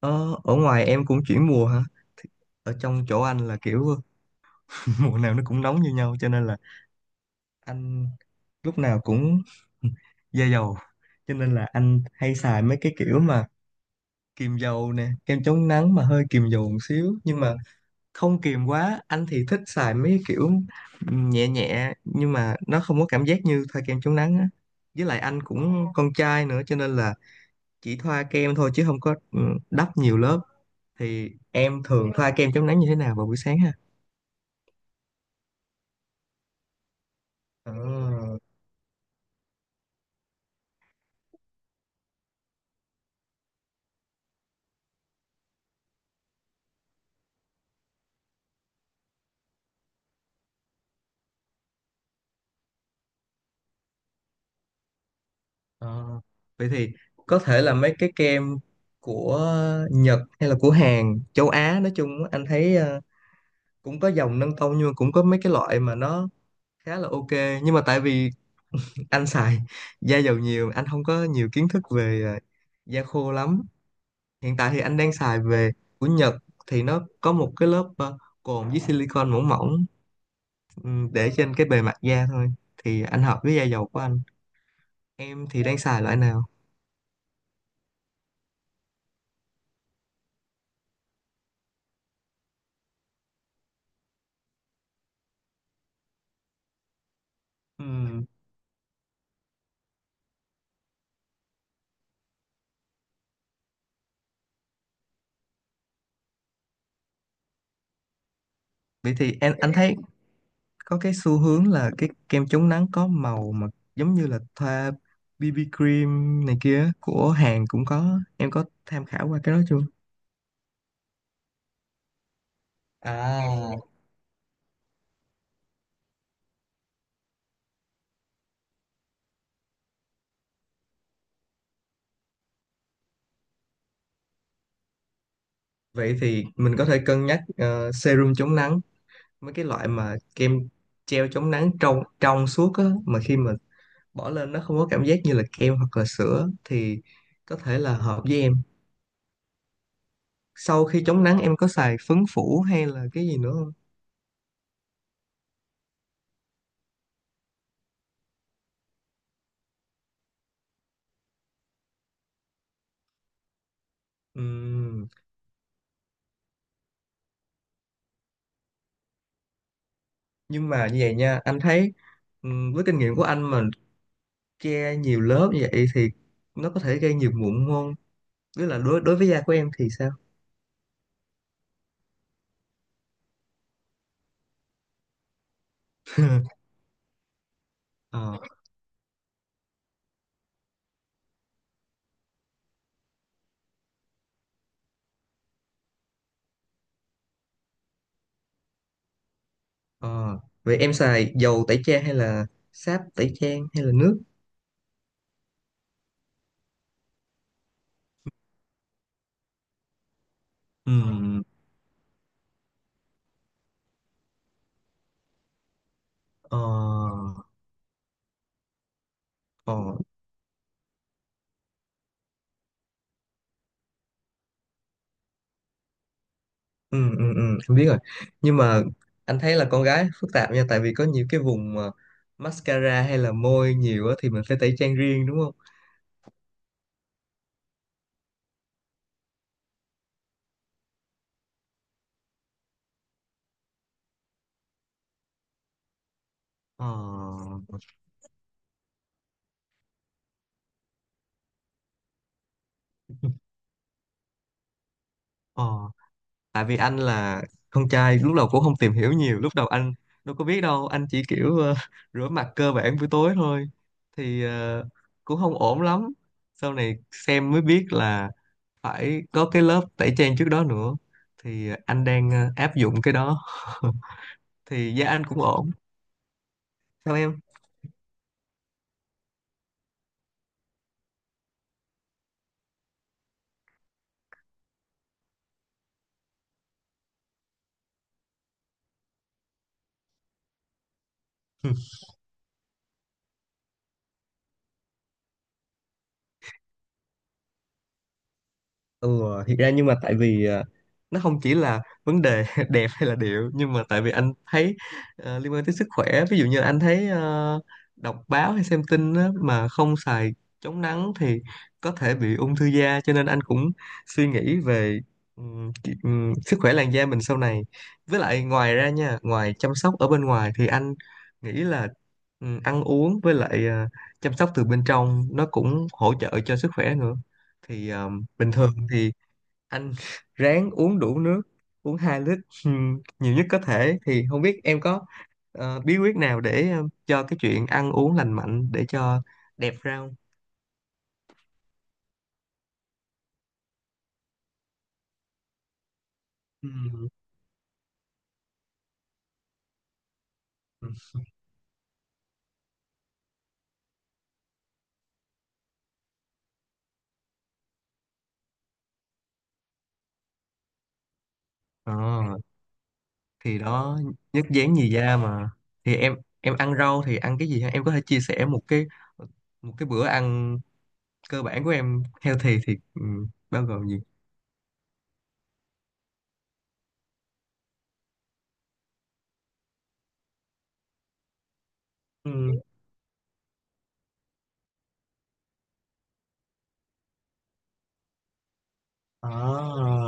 Ờ, ở ngoài em cũng chuyển mùa hả? Ở trong chỗ anh là kiểu mùa nào nó cũng nóng như nhau cho nên là anh lúc nào cũng da dầu. Cho nên là anh hay xài mấy cái kiểu mà kiềm dầu nè, kem chống nắng mà hơi kiềm dầu một xíu nhưng mà không kiềm quá. Anh thì thích xài mấy cái kiểu nhẹ nhẹ nhưng mà nó không có cảm giác như thoa kem chống nắng á. Với lại anh cũng con trai nữa cho nên là chỉ thoa kem thôi chứ không có đắp nhiều lớp. Thì em thường thoa kem chống nắng như thế nào vào buổi sáng ha? Ờ, ờ. Vậy thì có thể là mấy cái kem của Nhật hay là của Hàn, châu Á nói chung á, anh thấy cũng có dòng nâng tông nhưng mà cũng có mấy cái loại mà nó khá là ok, nhưng mà tại vì anh xài da dầu nhiều, anh không có nhiều kiến thức về da khô lắm. Hiện tại thì anh đang xài về của Nhật thì nó có một cái lớp cồn với silicon mỏng mỏng, để trên cái bề mặt da thôi, thì anh hợp với da dầu của anh. Em thì đang xài loại nào? Ừ. Vậy thì em, anh thấy có cái xu hướng là cái kem chống nắng có màu mà giống như là thoa BB cream này kia, của Hàn cũng có. Em có tham khảo qua cái đó chưa? À, vậy thì mình có thể cân nhắc serum chống nắng, mấy cái loại mà kem treo chống nắng trong trong suốt á, mà khi mà bỏ lên nó không có cảm giác như là kem hoặc là sữa thì có thể là hợp với em. Sau khi chống nắng em có xài phấn phủ hay là cái gì nữa không? Ừm, nhưng mà như vậy nha, anh thấy với kinh nghiệm của anh mà che nhiều lớp như vậy thì nó có thể gây nhiều mụn không, tức là đối đối với da của em thì sao? Ờ, ờ. Vậy em xài dầu tẩy trang hay là sáp tẩy trang hay là nước? Ừm. Ờ, ờ. Ừ, ừ, ừ. Em biết rồi. Nhưng mà anh thấy là con gái phức tạp nha, tại vì có nhiều cái vùng mà mascara hay là môi nhiều á thì mình phải tẩy trang riêng đúng không? Ờ, ờ. Tại vì anh là con trai, lúc đầu cũng không tìm hiểu nhiều, lúc đầu anh đâu có biết đâu, anh chỉ kiểu rửa mặt cơ bản buổi tối thôi, thì cũng không ổn lắm. Sau này xem mới biết là phải có cái lớp tẩy trang trước đó nữa, thì anh đang áp dụng cái đó. Thì da anh cũng ổn. Sao em? Ừ, thiệt ra nhưng mà tại vì nó không chỉ là vấn đề đẹp hay là điệu, nhưng mà tại vì anh thấy liên quan tới sức khỏe. Ví dụ như anh thấy đọc báo hay xem tin á, mà không xài chống nắng thì có thể bị ung thư da, cho nên anh cũng suy nghĩ về sức khỏe làn da mình sau này. Với lại ngoài ra nha, ngoài chăm sóc ở bên ngoài thì anh nghĩ là ăn uống với lại chăm sóc từ bên trong nó cũng hỗ trợ cho sức khỏe nữa, thì bình thường thì anh ráng uống đủ nước, uống 2 lít, nhiều nhất có thể. Thì không biết em có bí quyết nào để cho cái chuyện ăn uống lành mạnh để cho đẹp ra không? Ừm. Ờ, thì đó, nhất dán nhì da mà. Thì em ăn rau thì ăn cái gì ha? Em có thể chia sẻ một cái bữa ăn cơ bản của em healthy thì bao gồm gì? Ừm. À.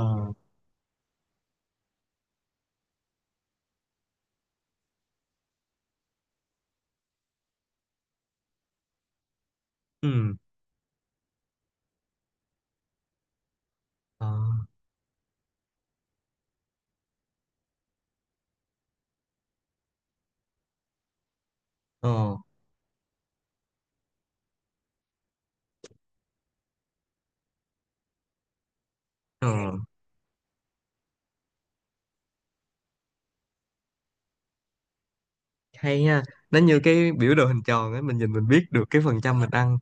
Ừm. Ờ. Ờ. Ờ. Hay nha, nó như cái biểu đồ hình tròn ấy, mình nhìn mình biết được cái phần trăm mình ăn.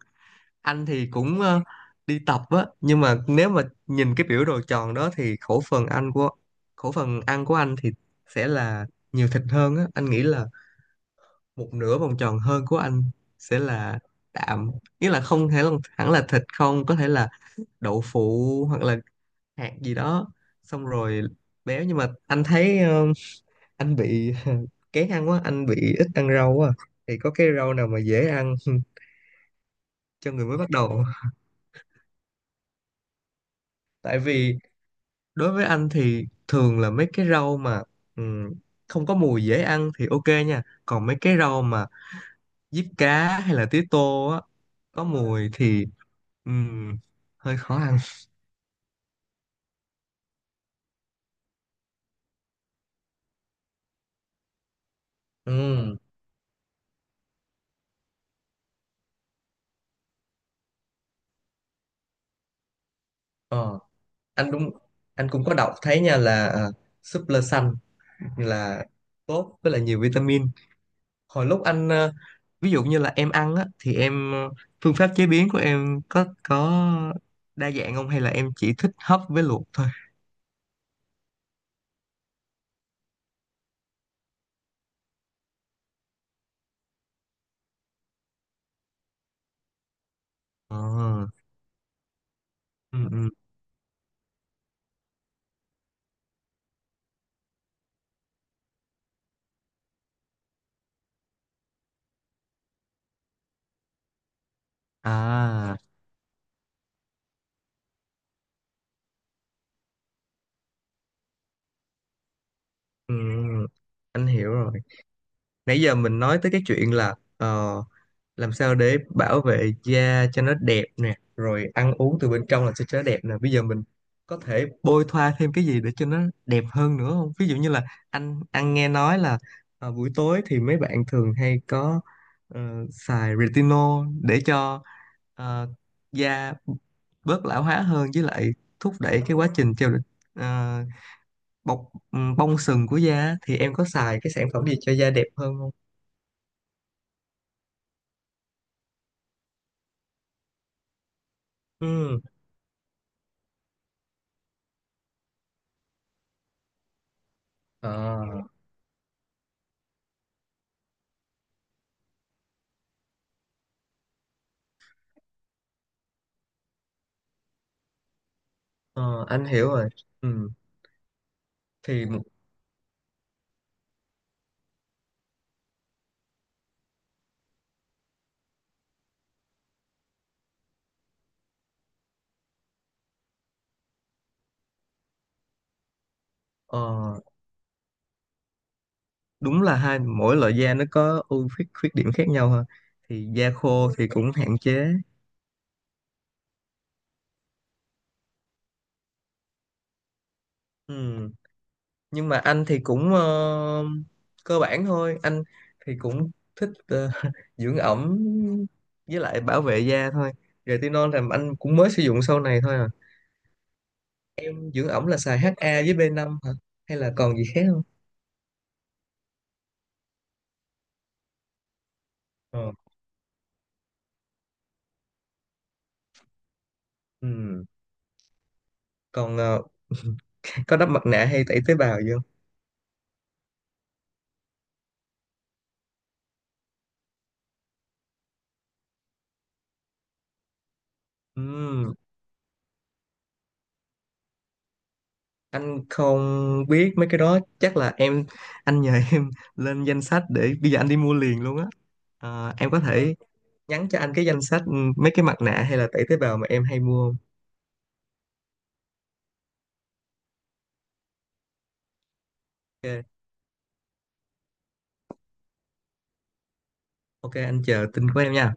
Anh thì cũng đi tập á, nhưng mà nếu mà nhìn cái biểu đồ tròn đó thì khẩu phần ăn của anh thì sẽ là nhiều thịt hơn á. Anh nghĩ là một nửa vòng tròn hơn của anh sẽ là đạm, nghĩa là không thể là, hẳn là thịt không, có thể là đậu phụ hoặc là hạt gì đó, xong rồi béo. Nhưng mà anh thấy anh bị kén ăn quá, anh bị ít ăn rau quá à. Thì có cái rau nào mà dễ ăn cho người mới bắt đầu không? Tại vì đối với anh thì thường là mấy cái rau mà ừm, không có mùi dễ ăn thì ok nha, còn mấy cái rau mà diếp cá hay là tía tô á có mùi thì ừm, hơi khó ăn. Ừm. Ờ, anh đúng. Anh cũng có đọc thấy nha là súp lơ xanh là tốt, với là nhiều vitamin. Hồi lúc anh ví dụ như là em ăn á thì em phương pháp chế biến của em có đa dạng không, hay là em chỉ thích hấp với luộc thôi? Ờ, ừ, ừ. À, ừ, ừ. Anh hiểu rồi. Nãy giờ mình nói tới cái chuyện là làm sao để bảo vệ da cho nó đẹp nè, rồi ăn uống từ bên trong là sẽ cho nó đẹp nè. Bây giờ mình có thể bôi thoa thêm cái gì để cho nó đẹp hơn nữa không? Ví dụ như là anh nghe nói là buổi tối thì mấy bạn thường hay có ờ, xài retinol để cho ờ, da bớt lão hóa hơn, với lại thúc đẩy cái quá trình trao đổi, ờ, bọc bong sừng của da á. Thì em có xài cái sản phẩm gì cho da đẹp hơn không? Ừ. À. Ờ, anh hiểu rồi. Ừ. Thì ờ, đúng là hai mỗi loại da nó có ưu khuyết khuyết điểm khác nhau ha. Thì da khô thì cũng hạn chế. Ừ. Nhưng mà anh thì cũng cơ bản thôi. Anh thì cũng thích dưỡng ẩm với lại bảo vệ da thôi. Retinol là anh cũng mới sử dụng sau này thôi à. Dưỡng ẩm là xài HA với B5 hả? Hay là còn gì khác không? Ờ. Ừ. Còn có đắp mặt nạ hay tẩy tế bào gì không? Ừ. Anh không biết mấy cái đó, chắc là em. Anh nhờ em lên danh sách để bây giờ anh đi mua liền luôn á. Ờ, em có thể nhắn cho anh cái danh sách, mấy cái mặt nạ hay là tẩy tế bào mà em hay mua không? Ok, ok. Anh chờ tin của em nha.